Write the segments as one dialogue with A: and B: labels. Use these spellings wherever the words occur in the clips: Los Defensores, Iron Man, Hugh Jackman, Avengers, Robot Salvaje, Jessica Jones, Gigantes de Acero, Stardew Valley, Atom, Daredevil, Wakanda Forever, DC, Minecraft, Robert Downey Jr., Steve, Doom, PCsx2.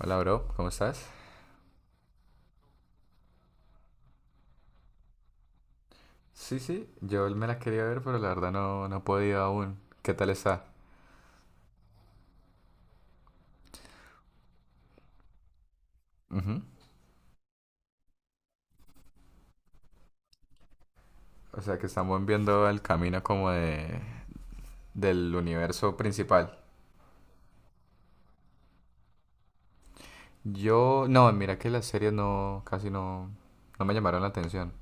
A: Hola, bro, ¿cómo estás? Sí, sí, yo me la quería ver, pero la verdad no, no he podido aún. ¿Qué tal está? Ujú. O sea, que estamos viendo el camino como de, del universo principal. Yo, no, mira que las series no, casi no, no me llamaron la atención.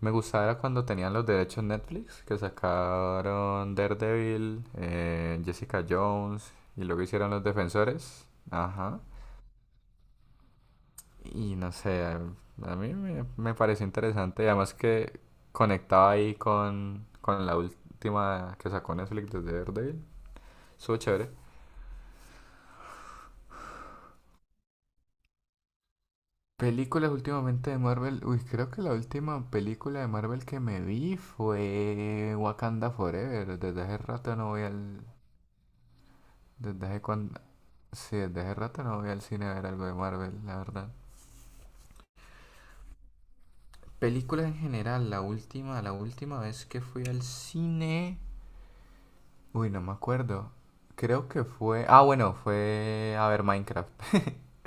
A: Me gustaba era cuando tenían los derechos Netflix, que sacaron Daredevil, Jessica Jones, y luego hicieron Los Defensores. Ajá. Y no sé, a mí me pareció interesante. Y además que conectaba ahí con la última que sacó Netflix desde Daredevil. Estuvo chévere. Películas últimamente de Marvel. Uy, creo que la última película de Marvel que me vi fue Wakanda Forever. Desde hace rato no voy al... Desde hace cuando sí, desde hace rato no voy al cine a ver algo de Marvel, la verdad. Películas en general, la última vez que fui al cine... Uy, no me acuerdo. Creo que fue... Ah, bueno, fue a ver Minecraft.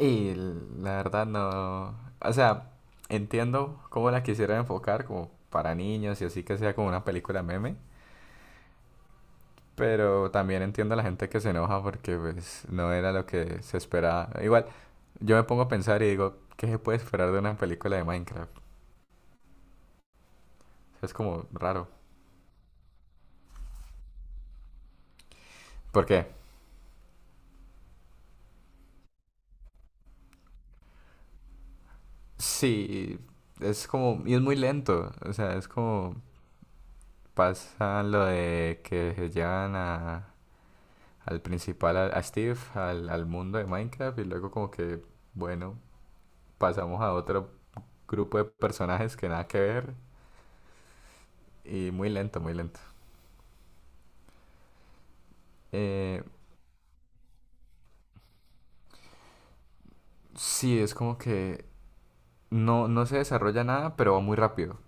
A: Y la verdad no... O sea, entiendo cómo la quisiera enfocar como para niños y así que sea como una película meme. Pero también entiendo a la gente que se enoja porque pues no era lo que se esperaba. Igual, yo me pongo a pensar y digo, ¿qué se puede esperar de una película de Minecraft? Es como raro. ¿Por qué? Sí, es como... Y es muy lento. O sea, es como... Pasa lo de que al principal, a Steve, al mundo de Minecraft y luego como que, bueno, pasamos a otro grupo de personajes que nada que ver y muy lento, muy lento. Eh, sí, es como que no, no se desarrolla nada, pero va muy rápido.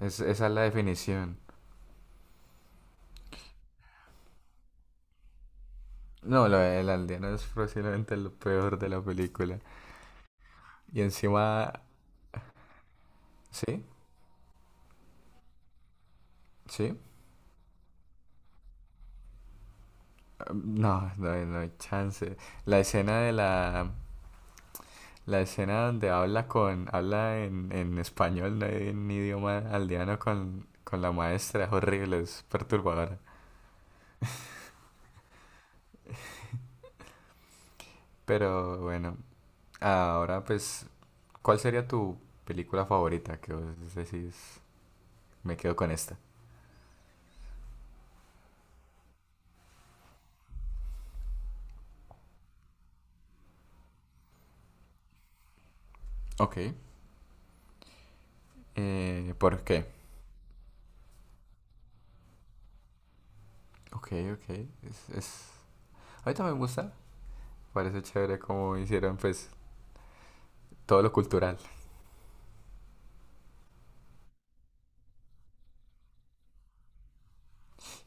A: Esa es la definición. No, lo del aldeano es posiblemente lo peor de la película. Y encima, ¿sí? ¿Sí? No, no hay, no hay chance. La escena de la, La escena donde habla con, habla en español, no en idioma aldeano con la maestra, es horrible, es perturbadora. Pero bueno, ahora pues, ¿cuál sería tu película favorita? Que vos decís, me quedo con esta. Ok. ¿Por qué? Ok, ok. Es... Ahorita me gusta, parece chévere cómo hicieron pues todo lo cultural.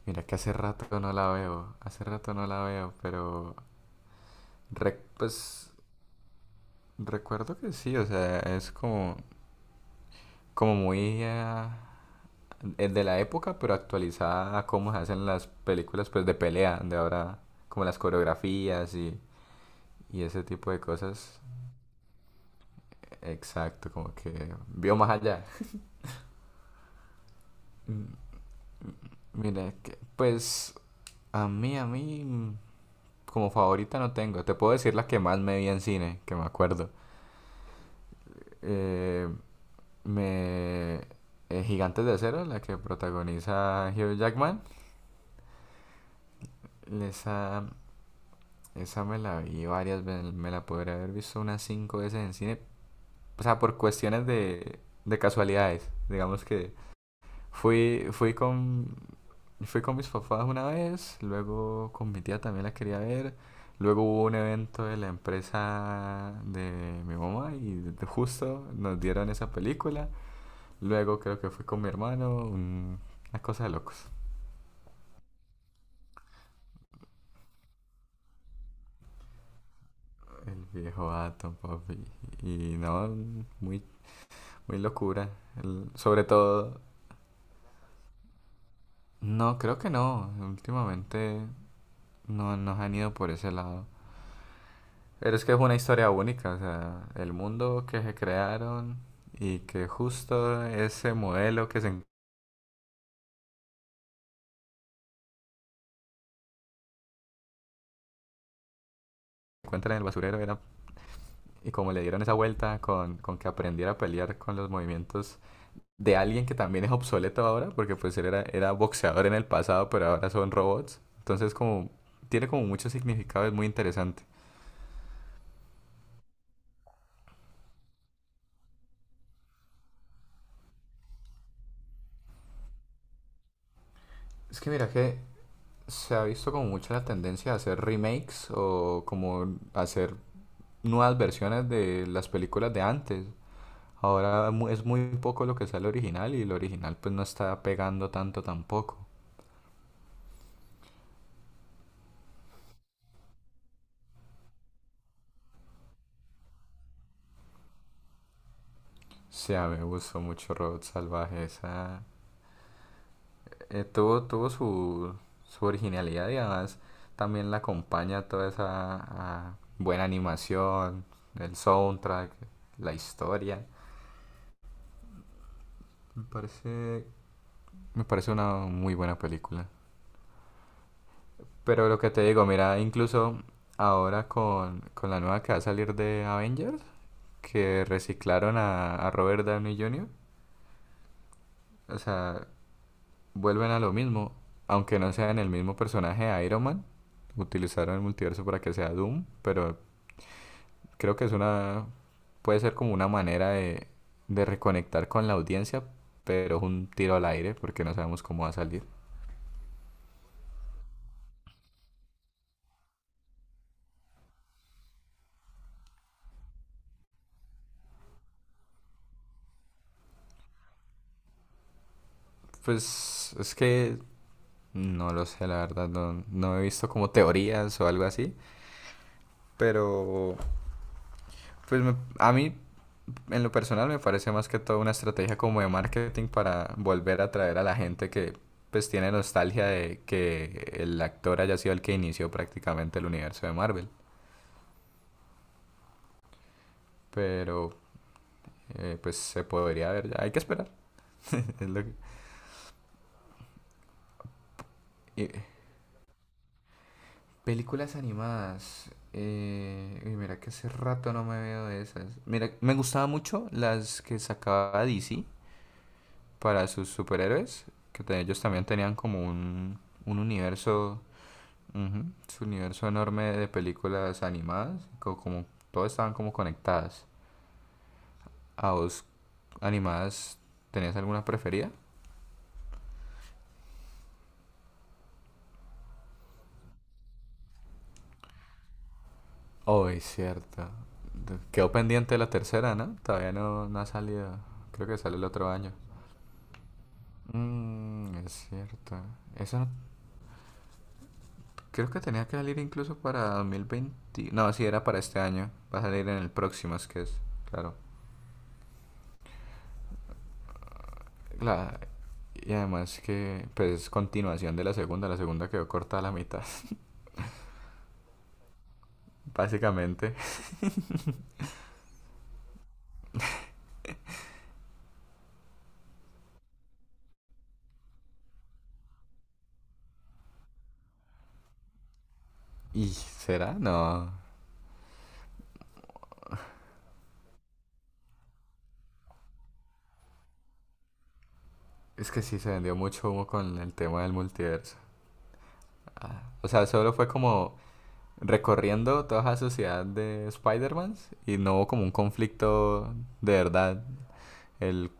A: Mira que hace rato no la veo, hace rato no la veo, pero pues recuerdo que sí, o sea, es como, como muy es de la época, pero actualizada a cómo se hacen las películas pues de pelea, de ahora, como las coreografías y ese tipo de cosas. Exacto, como que vio más allá. Mm, Mira, que, pues a mí, como favorita no tengo. Te puedo decir la que más me vi en cine, que me acuerdo. Eh, me... Gigantes de Acero, la que protagoniza Hugh Jackman. Esa, Esa me la vi varias veces, me la podría haber visto unas 5 veces en cine. O sea, por cuestiones de casualidades. Digamos que fui, fui con, fui con mis papás una vez, luego con mi tía también la quería ver. Luego hubo un evento de la empresa de mi mamá y justo nos dieron esa película. Luego creo que fui con mi hermano, una cosa de locos. El viejo Atom, papi. Y no, muy, muy locura. Sobre todo no, creo que no. Últimamente no nos han ido por ese lado. Pero es que es una historia única, o sea, el mundo que se crearon y que justo ese modelo que se encuentra en el basurero era... Y como le dieron esa vuelta con que aprendiera a pelear con los movimientos de alguien que también es obsoleto ahora, porque pues él era boxeador en el pasado, pero ahora son robots. Entonces como tiene como mucho significado, es muy interesante. Es que mira que se ha visto como mucho la tendencia a hacer remakes o como hacer nuevas versiones de las películas de antes. Ahora es muy poco lo que sale original y el original pues no está pegando tanto tampoco. Sí, a mí me gustó mucho Robot Salvaje. Tuvo su originalidad y además también la acompaña toda esa buena animación, el soundtrack, la historia. Me parece, me parece una muy buena película. Pero lo que te digo, mira, incluso ahora con la nueva que va a salir de Avengers, que reciclaron a Robert Downey Jr., o sea, vuelven a lo mismo, aunque no sean el mismo personaje de Iron Man, utilizaron el multiverso para que sea Doom, pero creo que es una, puede ser como una manera de reconectar con la audiencia, pero es un tiro al aire porque no sabemos cómo va a salir. Pues es que no lo sé, la verdad, no, no he visto como teorías o algo así. Pero, pues a mí, en lo personal, me parece más que todo una estrategia como de marketing para volver a atraer a la gente que, pues, tiene nostalgia de que el actor haya sido el que inició prácticamente el universo de Marvel. Pero, pues, se podría ver ya. Hay que esperar. Es lo que- y- películas animadas. Uy, mira que hace rato no me veo de esas. Mira, me gustaba mucho las que sacaba DC para sus superhéroes, que ellos también tenían como un universo, ujú, su universo enorme de películas animadas, como como todas estaban como conectadas. ¿A vos animadas tenías alguna preferida? Oh, es cierto. Quedó pendiente la tercera, ¿no? Todavía no, no ha salido. Creo que sale el otro año. Mm, es cierto. Eso no- creo que tenía que salir incluso para 2020. No, sí, era para este año. Va a salir en el próximo, es que es, claro. La, y además que pues es continuación de la segunda quedó corta a la mitad, básicamente. ¿Y será? No. Es que sí se vendió mucho humo con el tema del multiverso. Ah, o sea, solo fue como recorriendo toda la sociedad de Spider-Man y no hubo como un conflicto de verdad. El,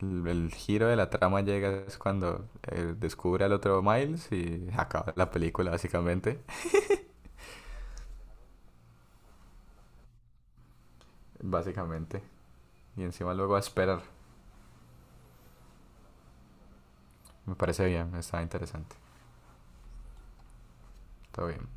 A: el giro de la trama llega es cuando descubre al otro Miles y acaba la película básicamente. Básicamente. Y encima luego a esperar. Me parece bien, está interesante. Está bien.